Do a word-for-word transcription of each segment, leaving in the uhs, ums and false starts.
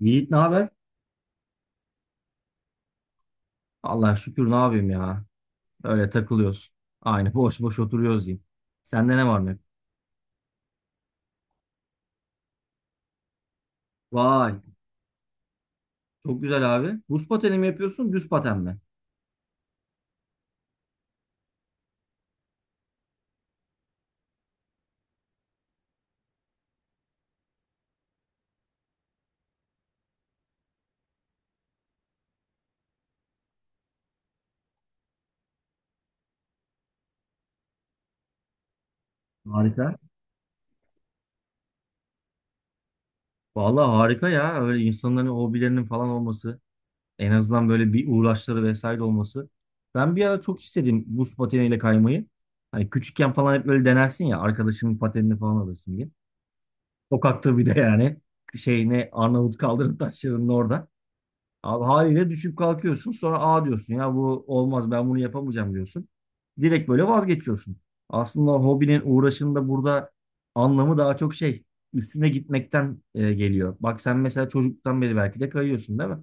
Yiğit, ne haber? Allah şükür, ne yapayım ya. Öyle takılıyoruz. Aynı boş boş oturuyoruz diyeyim. Sende ne var ne yok? Vay, çok güzel abi. Buz pateni mi yapıyorsun, düz paten mi? Harika. Vallahi harika ya. Öyle insanların hobilerinin falan olması. En azından böyle bir uğraşları vesaire olması. Ben bir ara çok istedim buz pateniyle kaymayı. Hani küçükken falan hep böyle denersin ya, arkadaşının patenini falan alırsın diye. Sokakta bir de yani. Şey, ne, Arnavut kaldırım taşlarının orada. Abi haliyle düşüp kalkıyorsun, sonra "A," diyorsun ya, bu olmaz, ben bunu yapamayacağım diyorsun. Direkt böyle vazgeçiyorsun. Aslında hobinin, uğraşının da burada anlamı daha çok şey üstüne gitmekten e, geliyor. Bak sen mesela çocuktan beri belki de kayıyorsun, değil mi?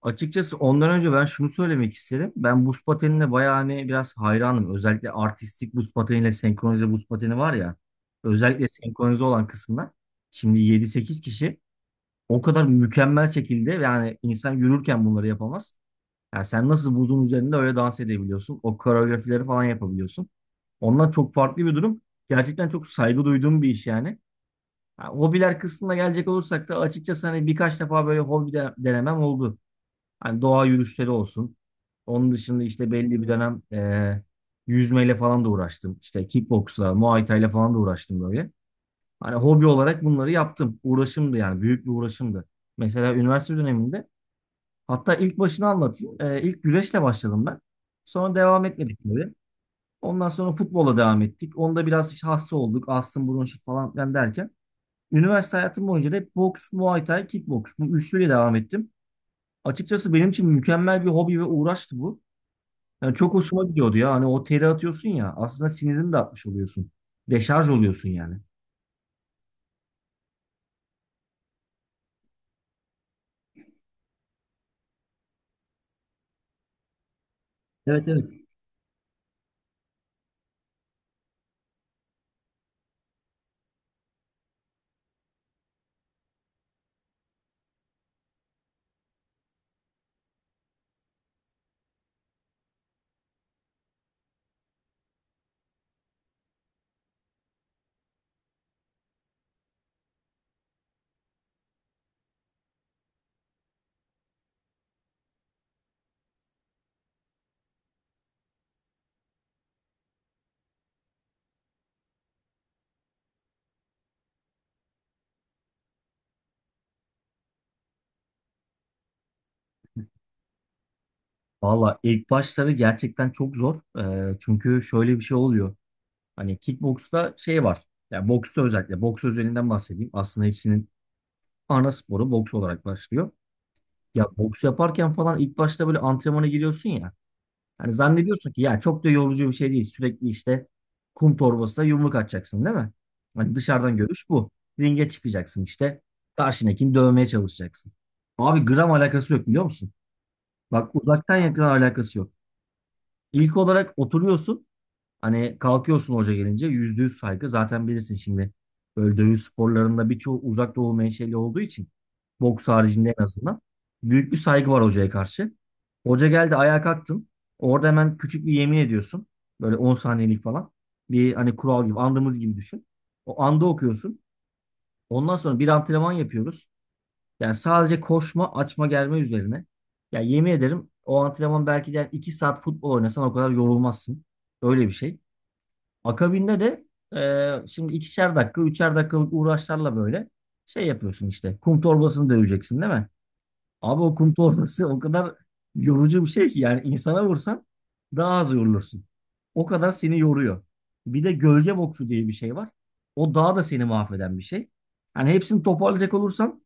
Açıkçası ondan önce ben şunu söylemek isterim. Ben buz patenine bayağı hani biraz hayranım. Özellikle artistik buz pateniyle senkronize buz pateni var ya. Özellikle senkronize olan kısmına. Şimdi yedi sekiz kişi, o kadar mükemmel şekilde, yani insan yürürken bunları yapamaz. Yani sen nasıl buzun üzerinde öyle dans edebiliyorsun? O koreografileri falan yapabiliyorsun. Onlar çok farklı bir durum. Gerçekten çok saygı duyduğum bir iş yani. Ha, hobiler kısmına gelecek olursak da açıkçası hani birkaç defa böyle hobi de denemem oldu. Hani doğa yürüyüşleri olsun. Onun dışında işte belli bir dönem e, yüzmeyle falan da uğraştım. İşte kickboksla, muay thai'yle falan da uğraştım böyle. Hani hobi olarak bunları yaptım. Uğraşımdı yani. Büyük bir uğraşımdı. Mesela üniversite döneminde, hatta ilk başını anlatayım. Ee, ilk güreşle başladım ben. Sonra devam etmedik tabii. Ondan sonra futbola devam ettik. Onda biraz işte hasta olduk. Astım, bronşit falan filan derken. Üniversite hayatım boyunca da hep boks, muay thai, kickboks. Bu üçlüyle devam ettim. Açıkçası benim için mükemmel bir hobi ve uğraştı bu. Yani çok hoşuma gidiyordu ya. Hani o teri atıyorsun ya. Aslında sinirini de atmış oluyorsun. Deşarj oluyorsun yani. Evet, evet. Valla ilk başları gerçekten çok zor. Ee, çünkü şöyle bir şey oluyor. Hani kickboksta şey var. Yani boksta özellikle. Boks özelinden bahsedeyim. Aslında hepsinin ana sporu boks olarak başlıyor. Ya boks yaparken falan ilk başta böyle antrenmana giriyorsun ya. Hani zannediyorsun ki ya çok da yorucu bir şey değil. Sürekli işte kum torbasına yumruk atacaksın, değil mi? Hani dışarıdan görüş bu. Ringe çıkacaksın işte. Karşındakini dövmeye çalışacaksın. Abi gram alakası yok, biliyor musun? Bak uzaktan yakın alakası yok. İlk olarak oturuyorsun. Hani kalkıyorsun hoca gelince. Yüzde yüz saygı. Zaten bilirsin şimdi. Böyle dövüş sporlarında birçoğu uzak doğu menşeli olduğu için. Boks haricinde en azından. Büyük bir saygı var hocaya karşı. Hoca geldi, ayağa kalktın. Orada hemen küçük bir yemin ediyorsun. Böyle on saniyelik falan. Bir hani kural gibi, andımız gibi düşün. O anda okuyorsun. Ondan sonra bir antrenman yapıyoruz. Yani sadece koşma, açma, germe üzerine. Ya yemin ederim, o antrenman belki de yani iki saat futbol oynasan o kadar yorulmazsın. Öyle bir şey. Akabinde de e, şimdi ikişer dakika, üçer dakikalık uğraşlarla böyle şey yapıyorsun işte. Kum torbasını döveceksin, değil mi? Abi o kum torbası o kadar yorucu bir şey ki, yani insana vursan daha az yorulursun. O kadar seni yoruyor. Bir de gölge boksu diye bir şey var. O daha da seni mahveden bir şey. Hani hepsini toparlayacak olursam,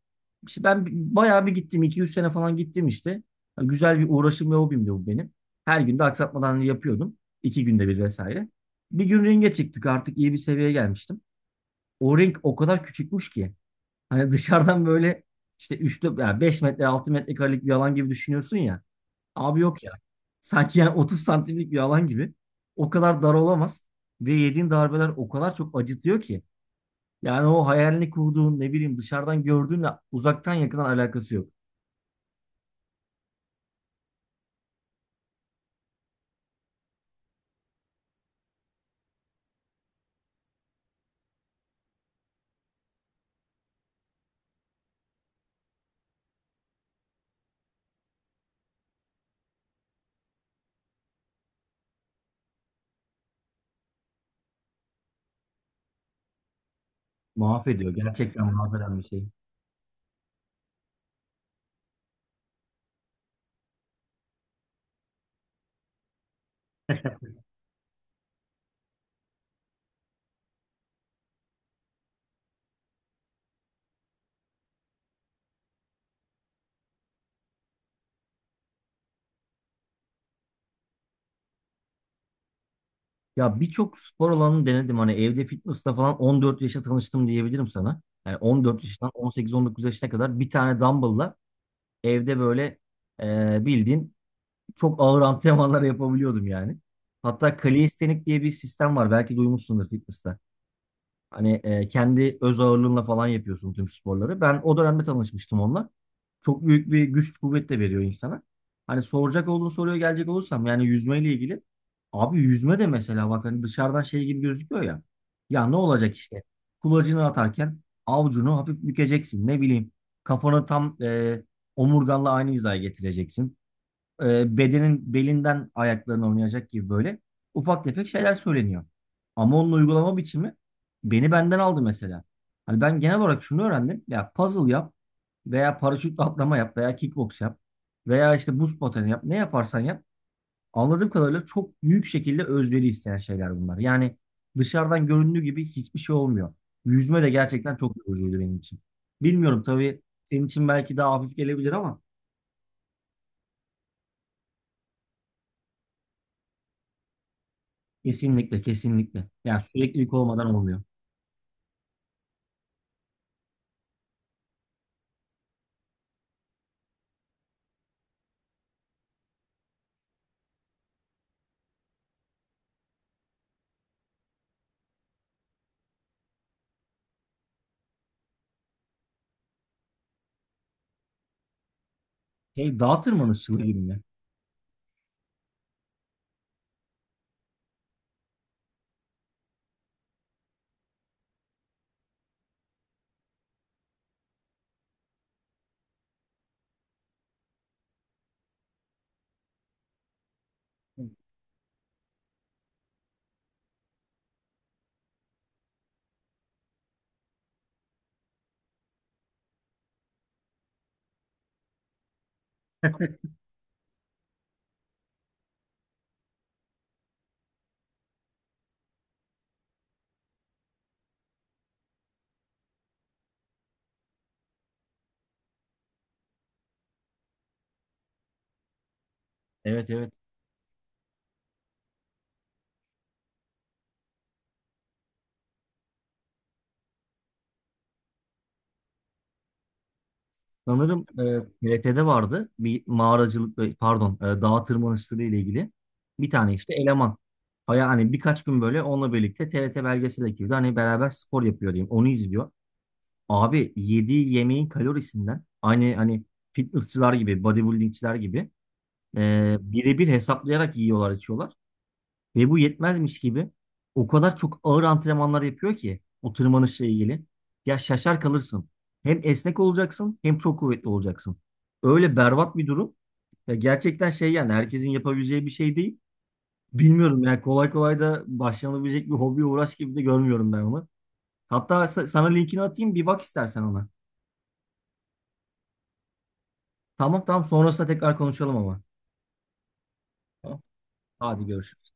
işte ben bayağı bir gittim. iki üç sene falan gittim işte. Yani güzel bir uğraşım ve hobimdi bu benim. Her gün de aksatmadan yapıyordum. iki günde bir vesaire. Bir gün ringe çıktık, artık iyi bir seviyeye gelmiştim. O ring o kadar küçükmüş ki. Hani dışarıdan böyle işte üç ya beş metre, altı metrekarelik bir alan gibi düşünüyorsun ya. Abi yok ya. Sanki yani otuz santimlik bir alan gibi. O kadar dar olamaz. Ve yediğin darbeler o kadar çok acıtıyor ki. Yani o hayalini kurduğun, ne bileyim, dışarıdan gördüğünle uzaktan yakından alakası yok. Mahvediyor. Gerçekten mahveden bir şey. Ya birçok spor alanını denedim. Hani evde fitness'la falan on dört yaşa tanıştım diyebilirim sana. Yani on dört yaşından on sekiz on dokuz yaşına kadar bir tane dumbbell'la evde böyle e, bildiğin çok ağır antrenmanlar yapabiliyordum yani. Hatta kalistenik diye bir sistem var. Belki duymuşsundur fitness'ta. Hani e, kendi öz ağırlığınla falan yapıyorsun tüm sporları. Ben o dönemde tanışmıştım onunla. Çok büyük bir güç kuvvet de veriyor insana. Hani soracak olduğun soruya gelecek olursam yani yüzmeyle ilgili. Abi yüzme de mesela, bak, hani dışarıdan şey gibi gözüküyor ya. Ya ne olacak işte? Kulacını atarken avucunu hafif bükeceksin. Ne bileyim, kafanı tam e, omurganla aynı hizaya getireceksin, e, bedenin belinden ayaklarına oynayacak gibi böyle ufak tefek şeyler söyleniyor. Ama onun uygulama biçimi beni benden aldı mesela. Hani ben genel olarak şunu öğrendim. Ya puzzle yap, veya paraşütle atlama yap, veya kickbox yap, veya işte buz pateni yap. Ne yaparsan yap. Anladığım kadarıyla çok büyük şekilde özveri isteyen şeyler bunlar. Yani dışarıdan göründüğü gibi hiçbir şey olmuyor. Yüzme de gerçekten çok yorucuydu benim için. Bilmiyorum tabii, senin için belki daha hafif gelebilir ama. Kesinlikle, kesinlikle. Yani süreklilik olmadan olmuyor. Şey, dağ tırmanışçılığı gibi mi? Evet, evet. Sanırım e, T R T'de vardı bir mağaracılık, e, pardon, e, dağ tırmanışçılığı ile ilgili bir tane işte eleman. Aya hani birkaç gün böyle onunla birlikte T R T belgesel ekibinde hani beraber spor yapıyor diyeyim. Onu izliyor. Abi yediği yemeğin kalorisinden aynı hani fitnessçılar gibi, bodybuildingçiler gibi e, birebir hesaplayarak yiyorlar içiyorlar. Ve bu yetmezmiş gibi o kadar çok ağır antrenmanlar yapıyor ki o tırmanışla ilgili. Ya şaşar kalırsın. Hem esnek olacaksın, hem çok kuvvetli olacaksın. Öyle berbat bir durum. Ya gerçekten şey, yani herkesin yapabileceği bir şey değil. Bilmiyorum yani, kolay kolay da başlanabilecek bir hobi uğraş gibi de görmüyorum ben onu. Hatta sa- sana linkini atayım, bir bak istersen ona. Tamam, tamam, sonrasında tekrar konuşalım ama. Tamam. Hadi görüşürüz.